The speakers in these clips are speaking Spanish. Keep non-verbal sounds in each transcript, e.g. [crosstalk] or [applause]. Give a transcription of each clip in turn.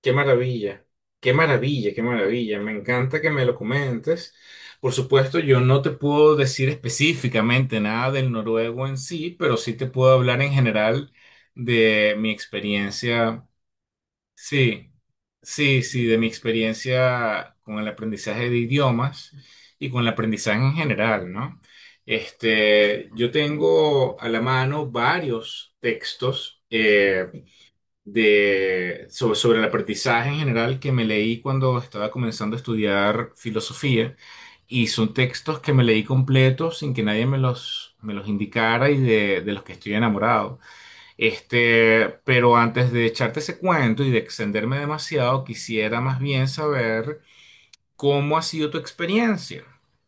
Qué maravilla, qué maravilla, qué maravilla. Me encanta que me lo comentes. Por supuesto, yo no te puedo decir específicamente nada del noruego en sí, pero sí te puedo hablar en general de mi experiencia. Sí, sí, sí, de mi experiencia con el aprendizaje de idiomas y con el aprendizaje en general, ¿no? Este, yo tengo a la mano varios textos. De, sobre, sobre el aprendizaje en general que me leí cuando estaba comenzando a estudiar filosofía. Y son textos que me leí completos sin que nadie me los indicara y de los que estoy enamorado. Este, pero antes de echarte ese cuento y de extenderme demasiado, quisiera más bien saber cómo ha sido tu experiencia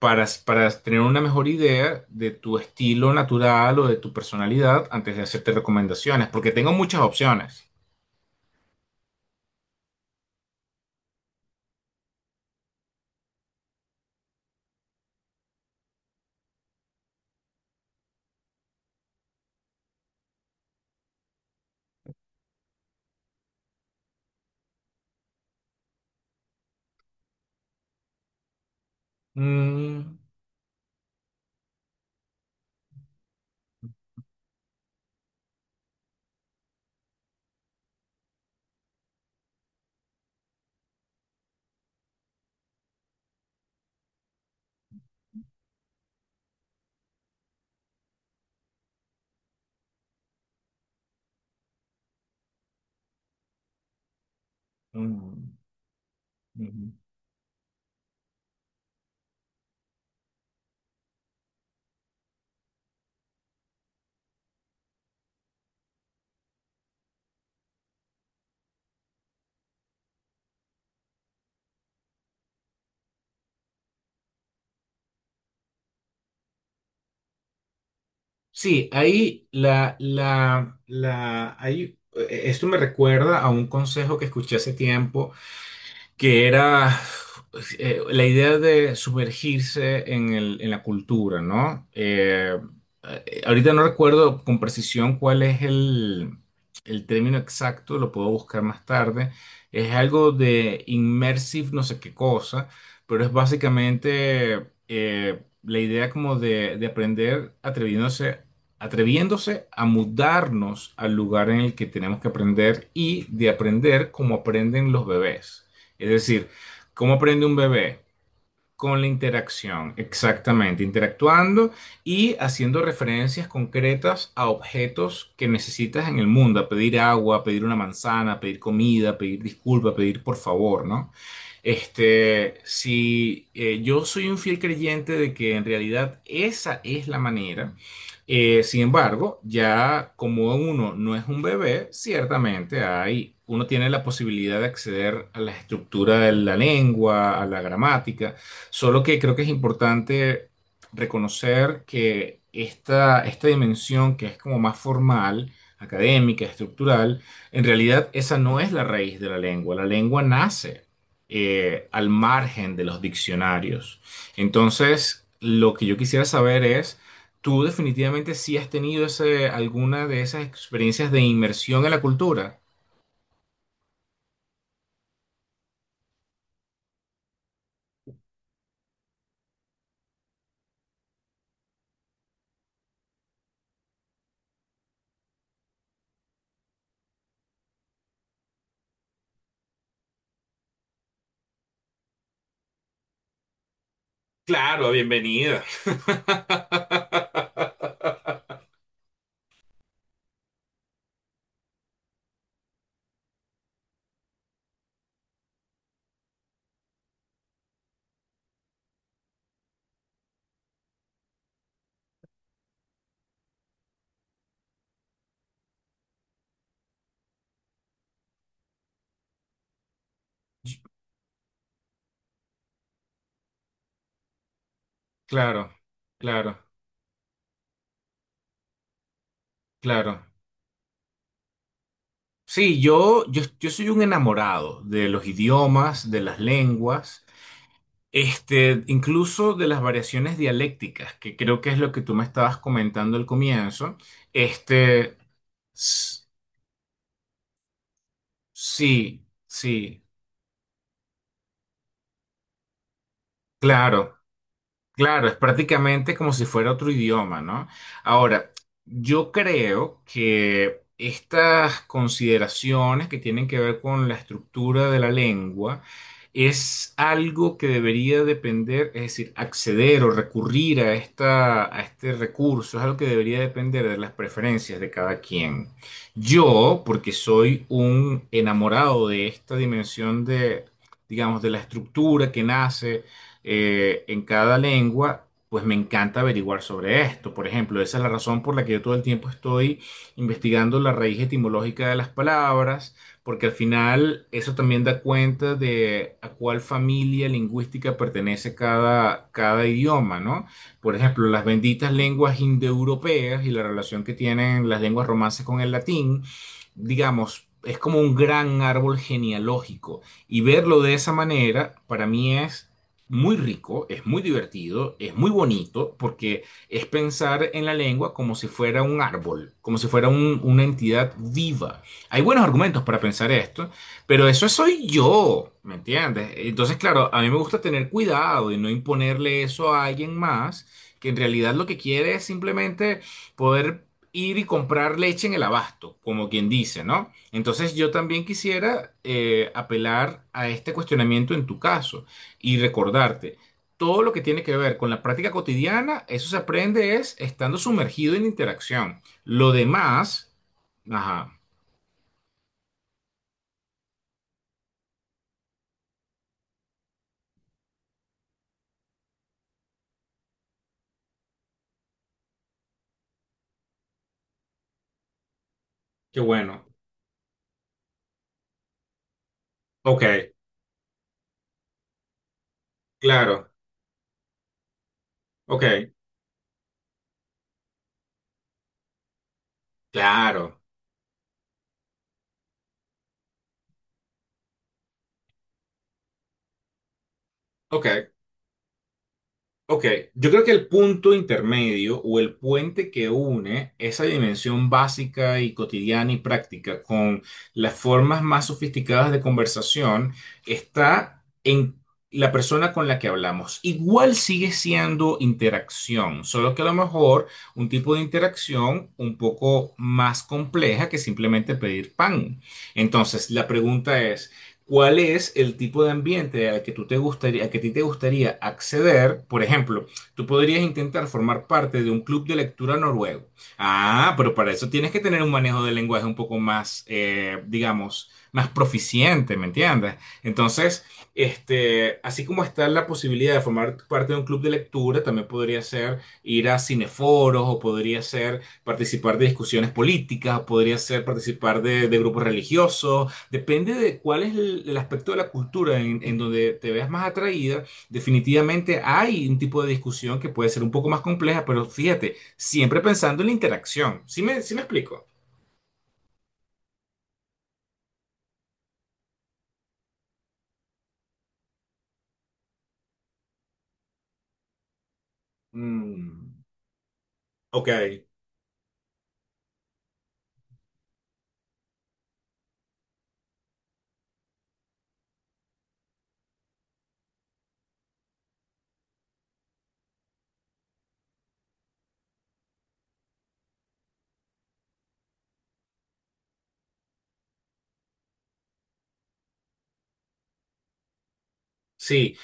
para tener una mejor idea de tu estilo natural o de tu personalidad antes de hacerte recomendaciones, porque tengo muchas opciones. Mm, mm, ujú. Sí, ahí esto me recuerda a un consejo que escuché hace tiempo que era la idea de sumergirse en en la cultura, ¿no? Ahorita no recuerdo con precisión cuál es el término exacto, lo puedo buscar más tarde. Es algo de immersive no sé qué cosa, pero es básicamente la idea como de aprender atreviéndose atreviéndose a mudarnos al lugar en el que tenemos que aprender y de aprender como aprenden los bebés. Es decir, ¿cómo aprende un bebé? Con la interacción, exactamente, interactuando y haciendo referencias concretas a objetos que necesitas en el mundo, a pedir agua, a pedir una manzana, a pedir comida, a pedir disculpa, a pedir por favor, ¿no? Este, si yo soy un fiel creyente de que en realidad esa es la manera, sin embargo, ya como uno no es un bebé, ciertamente hay, uno tiene la posibilidad de acceder a la estructura de la lengua, a la gramática. Solo que creo que es importante reconocer que esta dimensión que es como más formal, académica, estructural, en realidad esa no es la raíz de la lengua. La lengua nace al margen de los diccionarios. Entonces, lo que yo quisiera saber es, ¿tú definitivamente sí has tenido alguna de esas experiencias de inmersión en la cultura? Claro, bienvenida. [laughs] Claro, claro. Claro. Sí, yo soy un enamorado de los idiomas, de las lenguas, este, incluso de las variaciones dialécticas, que creo que es lo que tú me estabas comentando al comienzo. Este, s- sí, sí, claro. Claro, es prácticamente como si fuera otro idioma, ¿no? Ahora, yo creo que estas consideraciones que tienen que ver con la estructura de la lengua es algo que debería depender, es decir, acceder o recurrir a a este recurso, es algo que debería depender de las preferencias de cada quien. Yo, porque soy un enamorado de esta dimensión de, digamos, de la estructura que nace en cada lengua, pues me encanta averiguar sobre esto. Por ejemplo, esa es la razón por la que yo todo el tiempo estoy investigando la raíz etimológica de las palabras, porque al final eso también da cuenta de a cuál familia lingüística pertenece cada idioma, ¿no? Por ejemplo, las benditas lenguas indoeuropeas y la relación que tienen las lenguas romances con el latín, digamos, es como un gran árbol genealógico. Y verlo de esa manera, para mí es muy rico, es muy divertido, es muy bonito, porque es pensar en la lengua como si fuera un árbol, como si fuera una entidad viva. Hay buenos argumentos para pensar esto, pero eso soy yo, ¿me entiendes? Entonces, claro, a mí me gusta tener cuidado y no imponerle eso a alguien más, que en realidad lo que quiere es simplemente poder ir y comprar leche en el abasto, como quien dice, ¿no? Entonces yo también quisiera apelar a este cuestionamiento en tu caso y recordarte. Todo lo que tiene que ver con la práctica cotidiana, eso se aprende es estando sumergido en interacción. Lo demás, ajá, qué bueno. Ok, claro, ok, claro, ok. Ok, yo creo que el punto intermedio o el puente que une esa dimensión básica y cotidiana y práctica con las formas más sofisticadas de conversación está en la persona con la que hablamos. Igual sigue siendo interacción, solo que a lo mejor un tipo de interacción un poco más compleja que simplemente pedir pan. Entonces, la pregunta es cuál es el tipo de ambiente al que tú te gustaría, al que a ti te gustaría acceder. Por ejemplo, tú podrías intentar formar parte de un club de lectura noruego. Ah, pero para eso tienes que tener un manejo del lenguaje un poco más, digamos, más proficiente, ¿me entiendes? Entonces, este, así como está la posibilidad de formar parte de un club de lectura, también podría ser ir a cineforos o podría ser participar de discusiones políticas, o podría ser participar de grupos religiosos. Depende de cuál es el aspecto de la cultura en donde te veas más atraída. Definitivamente hay un tipo de discusión que puede ser un poco más compleja, pero fíjate, siempre pensando en la interacción. Sí me explico? Mm, ok, sí.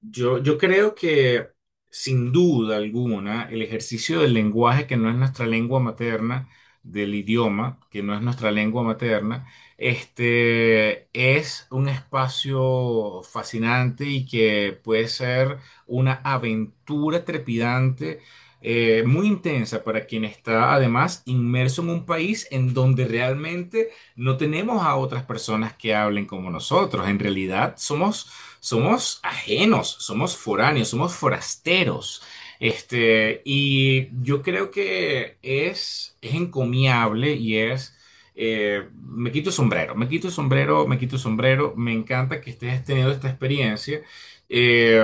Yo creo que sin duda alguna el ejercicio del lenguaje que no es nuestra lengua materna, del idioma que no es nuestra lengua materna, este es un espacio fascinante y que puede ser una aventura trepidante, muy intensa para quien está además inmerso en un país en donde realmente no tenemos a otras personas que hablen como nosotros. En realidad somos somos ajenos, somos foráneos, somos forasteros. Este, y yo creo que es encomiable y es, me quito el sombrero, me quito el sombrero, me quito el sombrero, me encanta que estés teniendo esta experiencia. Eh,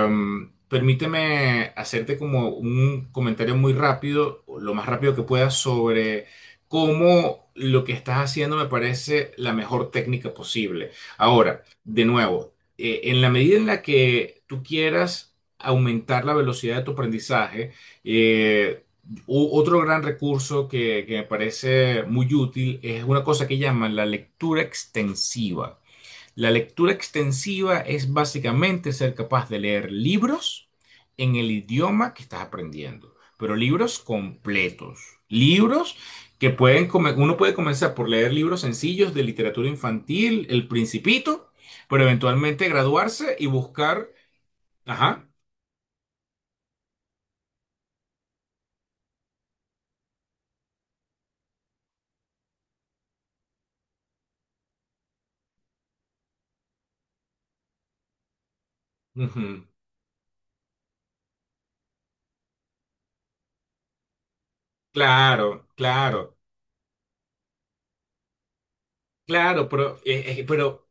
permíteme hacerte como un comentario muy rápido, lo más rápido que pueda, sobre cómo lo que estás haciendo me parece la mejor técnica posible. Ahora, de nuevo, en la medida en la que tú quieras aumentar la velocidad de tu aprendizaje, eh, otro gran recurso que me parece muy útil es una cosa que llaman la lectura extensiva. La lectura extensiva es básicamente ser capaz de leer libros en el idioma que estás aprendiendo, pero libros completos, libros que pueden uno puede comenzar por leer libros sencillos de literatura infantil, El Principito, pero eventualmente graduarse y buscar, ajá, ujú. Claro, claro, pero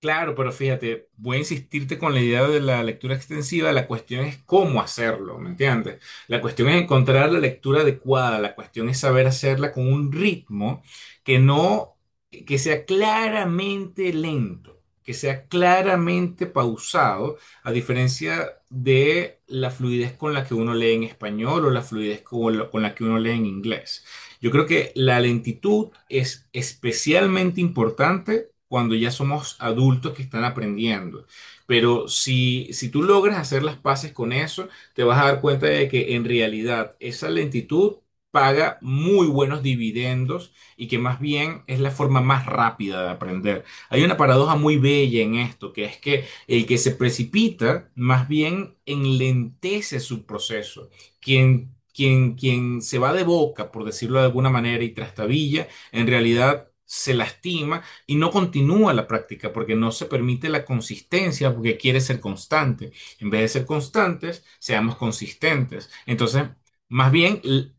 claro, pero fíjate, voy a insistirte con la idea de la lectura extensiva, la cuestión es cómo hacerlo, ¿me entiendes? La cuestión es encontrar la lectura adecuada, la cuestión es saber hacerla con un ritmo que no, que sea claramente lento, que sea claramente pausado, a diferencia de la fluidez con la que uno lee en español o la fluidez con la que uno lee en inglés. Yo creo que la lentitud es especialmente importante cuando ya somos adultos que están aprendiendo. Pero si tú logras hacer las paces con eso, te vas a dar cuenta de que en realidad esa lentitud paga muy buenos dividendos y que más bien es la forma más rápida de aprender. Hay una paradoja muy bella en esto, que es que el que se precipita más bien enlentece su proceso. Quien quien se va de boca, por decirlo de alguna manera, y trastabilla, en realidad se lastima y no continúa la práctica porque no se permite la consistencia porque quiere ser constante. En vez de ser constantes, seamos consistentes. Entonces, más bien,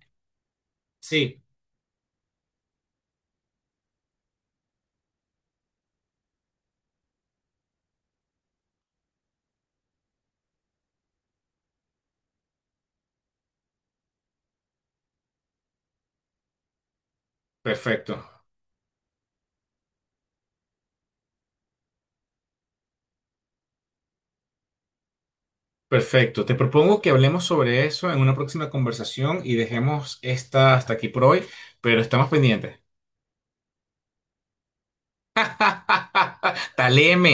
sí, perfecto. Perfecto. Te propongo que hablemos sobre eso en una próxima conversación y dejemos esta hasta aquí por hoy, pero estamos pendientes. [laughs] Taleme.